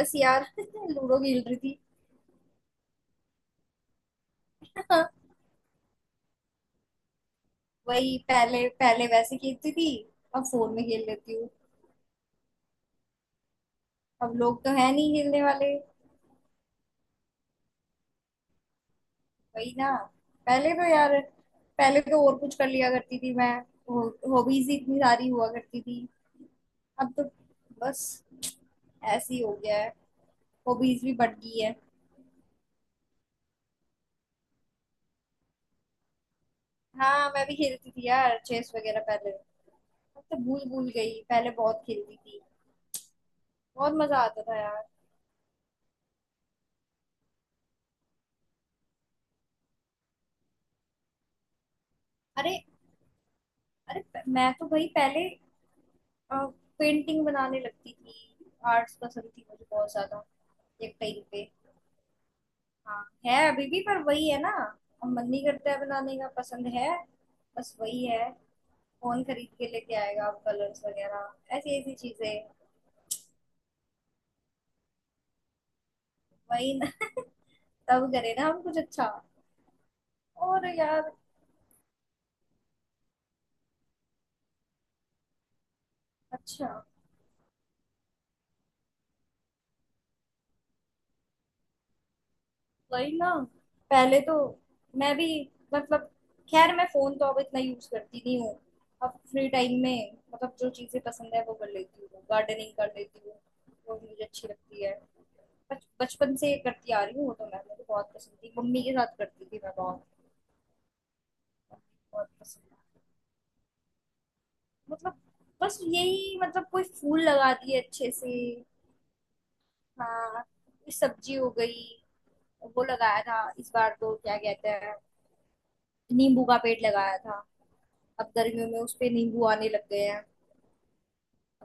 बस यार। लूडो खेल रही थी। वही पहले पहले वैसे खेलती थी। अब फोन में खेल लेती हूँ। अब लोग तो है नहीं खेलने वाले। वही ना। पहले तो यार, पहले तो और कुछ कर लिया करती थी मैं। हॉबीज ही इतनी सारी हुआ करती थी। अब तो बस ऐसे ही हो गया है। हॉबीज भी बढ़ गई है। हाँ, मैं भी खेलती थी यार चेस वगैरह पहले। अब तो भूल भूल गई, पहले बहुत खेलती थी। बहुत मजा आता था यार। अरे, मैं तो भाई पहले पेंटिंग बनाने लगती थी। आर्ट्स पसंद थी मुझे बहुत ज्यादा, एक टाइम पे। हाँ, है अभी भी पर वही है ना, अब मन नहीं करता है बनाने का, पसंद है। बस वही है। फोन खरीद के लेके आएगा अब कलर्स वगैरह ऐसी ऐसी चीजें। वही ना। तब करे ना हम कुछ अच्छा। और यार अच्छा, वही ना। पहले तो मैं भी, मतलब, खैर मैं फोन तो अब इतना यूज करती नहीं हूँ। अब फ्री टाइम में मतलब जो चीजें पसंद है वो कर लेती हूँ, गार्डनिंग कर लेती हूँ। वो मुझे अच्छी लगती है। बचपन से करती आ रही हूँ, वो तो मैं, मुझे बहुत पसंद थी, मम्मी के साथ करती थी मैं बहुत। बहुत पसंद। मतलब बस यही, मतलब कोई फूल लगा दिए अच्छे से। हाँ, कोई सब्जी हो गई। वो लगाया था इस बार, तो क्या कहते हैं, नींबू का पेड़ लगाया था। अब गर्मियों में उस पे नींबू आने लग गए हैं।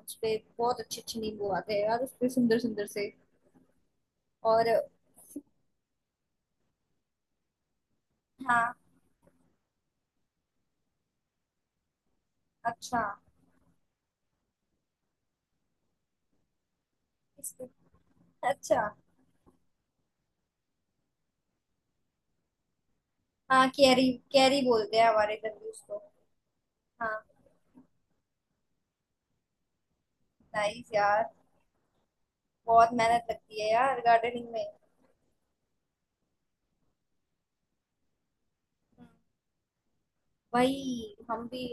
उस पे बहुत अच्छे अच्छे नींबू आते हैं यार, उस पे सुंदर सुंदर से। और हाँ। अच्छा। इस- अच्छा। हाँ, कैरी कैरी बोलते हैं हमारे इधर भी उसको। हाँ। नाइस यार। बहुत मेहनत लगती है यार गार्डनिंग में। हम्म, वही हम भी।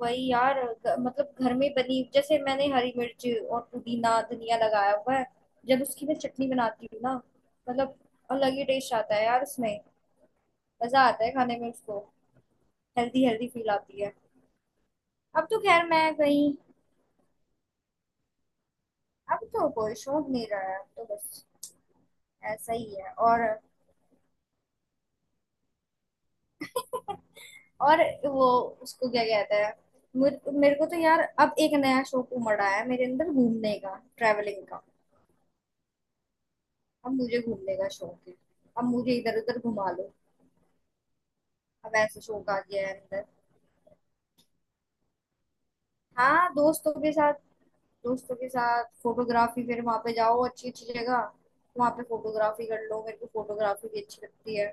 वही यार, मतलब घर में बनी, जैसे मैंने हरी मिर्च और पुदीना धनिया लगाया हुआ है। जब उसकी मैं चटनी बनाती हूँ ना, मतलब अलग ही टेस्ट आता है यार उसमें। मजा आता है खाने में उसको। हेल्दी हेल्दी फील आती है। अब तो खैर मैं कहीं, अब तो कोई शौक नहीं रहा है, अब तो बस ऐसा ही है। और और वो उसको क्या कहते हैं, मेरे को तो यार अब एक नया शौक उमड़ा है मेरे अंदर, घूमने का, ट्रैवलिंग का। अब मुझे घूमने का शौक है। अब मुझे इधर उधर घुमा लो। अब ऐसा शौक आ गया है अंदर। हाँ, दोस्तों के साथ। दोस्तों के साथ फोटोग्राफी, फिर वहां पे जाओ अच्छी अच्छी जगह, वहां पे फोटोग्राफी कर लो। मेरे को फोटोग्राफी भी अच्छी लगती है।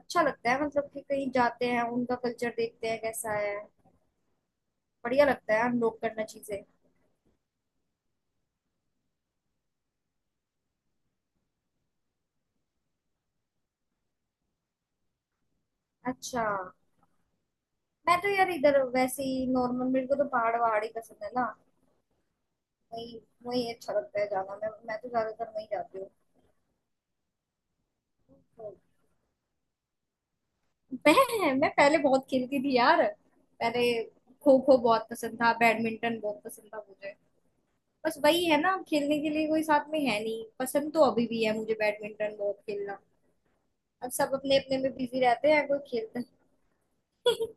अच्छा लगता है मतलब कि कहीं जाते हैं उनका कल्चर देखते हैं कैसा है। बढ़िया लगता है अनलॉक करना चीजें। अच्छा। मैं तो यार इधर वैसे ही नॉर्मल, मेरे को तो पहाड़ वहाड़ ही पसंद है ना। वही, वही अच्छा लगता है जाना, मैं तो ज्यादातर वही जाती हूँ। तो मैं पहले बहुत खेलती थी यार। पहले खो खो बहुत पसंद था, बैडमिंटन बहुत पसंद था मुझे। बस वही है ना, खेलने के लिए कोई साथ में है नहीं, पसंद तो अभी भी है मुझे बैडमिंटन बहुत खेलना। अब सब अपने अपने में बिजी रहते हैं, कोई खेलता नहीं।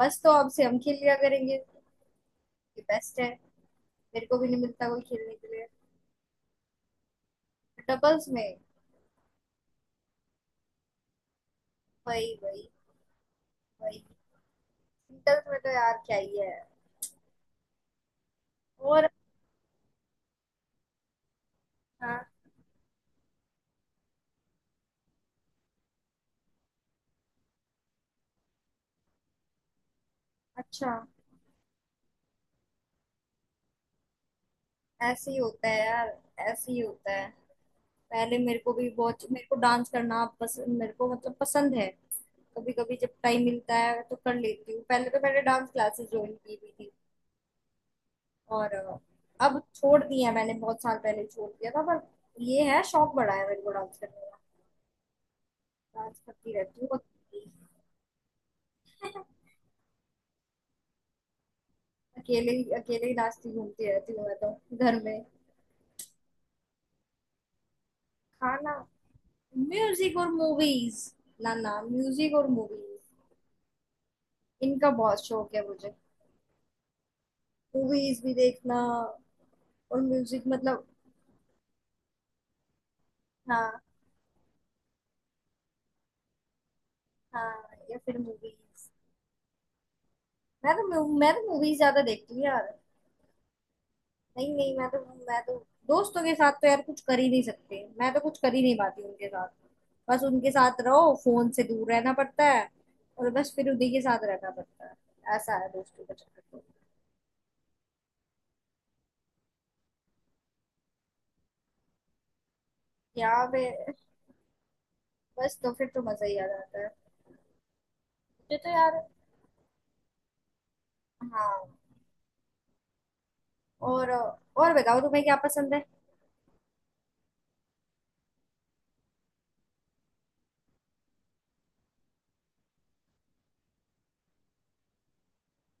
बस तो अब से हम खेल लिया करेंगे। ये बेस्ट है। मेरे को भी नहीं मिलता कोई खेलने के लिए। डबल्स में। वही वही। वही सिंगल्स में तो यार क्या ही है। और हाँ। अच्छा। ऐसे ही होता है यार, ऐसे ही होता है। पहले मेरे को भी बहुत, मेरे को डांस करना पसंद, मेरे को मतलब पसंद है। कभी कभी जब टाइम मिलता है तो कर लेती हूँ, पहले तो मैंने डांस क्लासेस ज्वाइन की हुई थी। और अब छोड़ दिया मैंने, बहुत साल पहले छोड़ दिया था, पर ये है शौक बढ़ा है मेरे को डांस करने का। डांस करती रहती हूँ। अकेले ही नाचती घूमती रहती हूँ मैं तो, घर में। खाना, म्यूजिक और मूवीज। ना ना, म्यूजिक और मूवीज, इनका बहुत शौक है मुझे। मूवीज भी देखना और म्यूजिक मतलब। हाँ। हाँ, या फिर मूवीज। मैं तो मूवीज ज्यादा देखती हूँ यार। नहीं नहीं, मैं तो, मैं तो दोस्तों के साथ तो यार कुछ कर ही नहीं सकते, मैं तो कुछ कर ही नहीं पाती उनके साथ। बस उनके साथ रहो, फोन से दूर रहना पड़ता है और बस फिर उन्हीं के साथ रहना पड़ता है। ऐसा है दोस्तों का चक्कर तो। यहाँ पे बस तो फिर तो मजा ही आ जाता है। मुझे तो यार। हाँ। और बताओ, तुम्हें क्या पसंद है।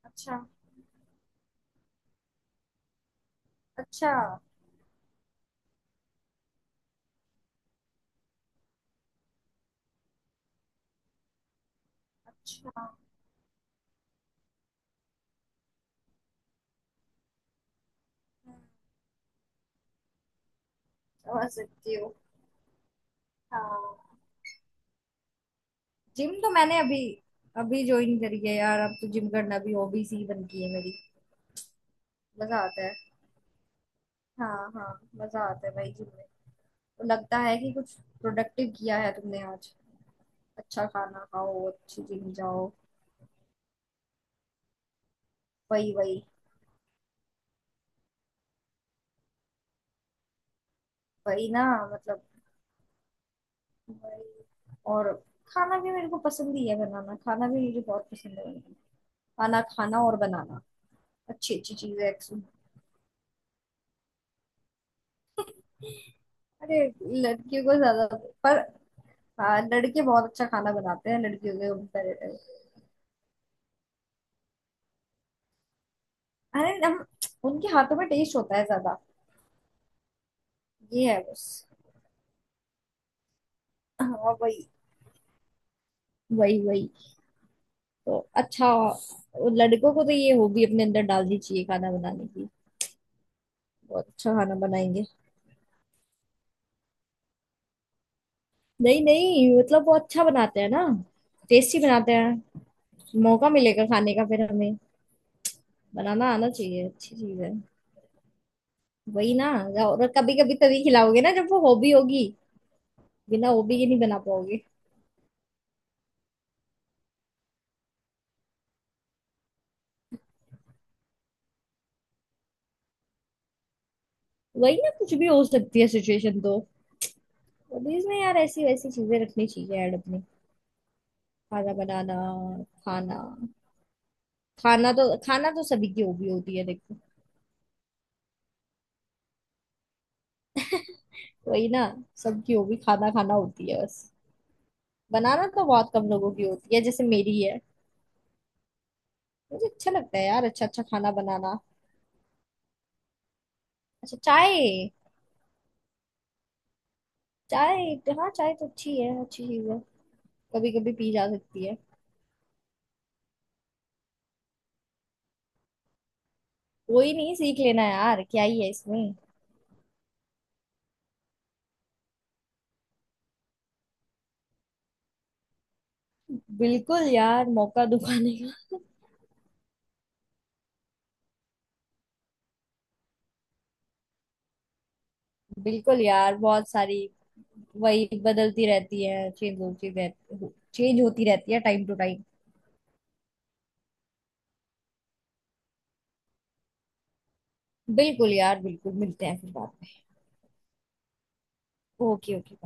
अच्छा। अच्छा। अच्छा। हम्म, समझ सकती हूँ। हाँ। जिम तो मैंने अभी, अभी ज्वाइन करी है यार, अब तो जिम करना भी हॉबीज ही बन गई है मेरी। मजा आता है। हाँ हाँ, मजा आता है भाई जिम में। तो लगता है कि कुछ प्रोडक्टिव किया है तुमने आज। अच्छा खाना खाओ, अच्छी जिम जाओ। वही वही। वही ना, मतलब, वही। और खाना भी मेरे को पसंद ही है बनाना, खाना भी मुझे बहुत पसंद है बनाना, खाना खाना और बनाना, अच्छी अच्छी चीजें actually। अरे, लड़कियों को ज्यादा, पर हाँ लड़के बहुत अच्छा खाना बनाते हैं लड़कियों के कंपेरेटिव। अरे हम। उनके हाथों में टेस्ट होता है ज्यादा। ये है बस। हाँ वही। वही वही। तो अच्छा, लड़कों को तो ये हॉबी अपने अंदर डालनी चाहिए खाना बनाने की। बहुत अच्छा खाना बनाएंगे। नहीं नहीं, मतलब वो अच्छा बनाते हैं ना, टेस्टी बनाते हैं। मौका मिलेगा खाने का फिर हमें। बनाना आना चाहिए, अच्छी चीज है। वही ना। और कभी कभी तभी खिलाओगे ना जब वो हॉबी होगी। बिना हॉबी के नहीं बना पाओगे। वही ना, कुछ भी हो सकती है सिचुएशन तो। हॉबीज में यार ऐसी वैसी चीजें रखनी चाहिए ऐड अपने। खाना बनाना, खाना। खाना तो सभी की हॉबी होती है देखो। वही ना, सबकी हॉबी खाना खाना होती है बस। बनाना तो बहुत कम लोगों की होती है, जैसे मेरी है। मुझे अच्छा लगता है यार अच्छा अच्छा खाना बनाना। अच्छा। चाय। चाय। हाँ चाय तो अच्छी है, अच्छी चीज है। कभी कभी पी जा सकती है। कोई नहीं, सीख लेना यार, क्या ही है इसमें। बिल्कुल यार, मौका दुखाने का। बिल्कुल यार, बहुत सारी। वही बदलती रहती है, चेंज होती रहती, चेंज होती रहती है टाइम टू टाइम। बिल्कुल यार, बिल्कुल, मिलते हैं फिर बाद में। Okay okay.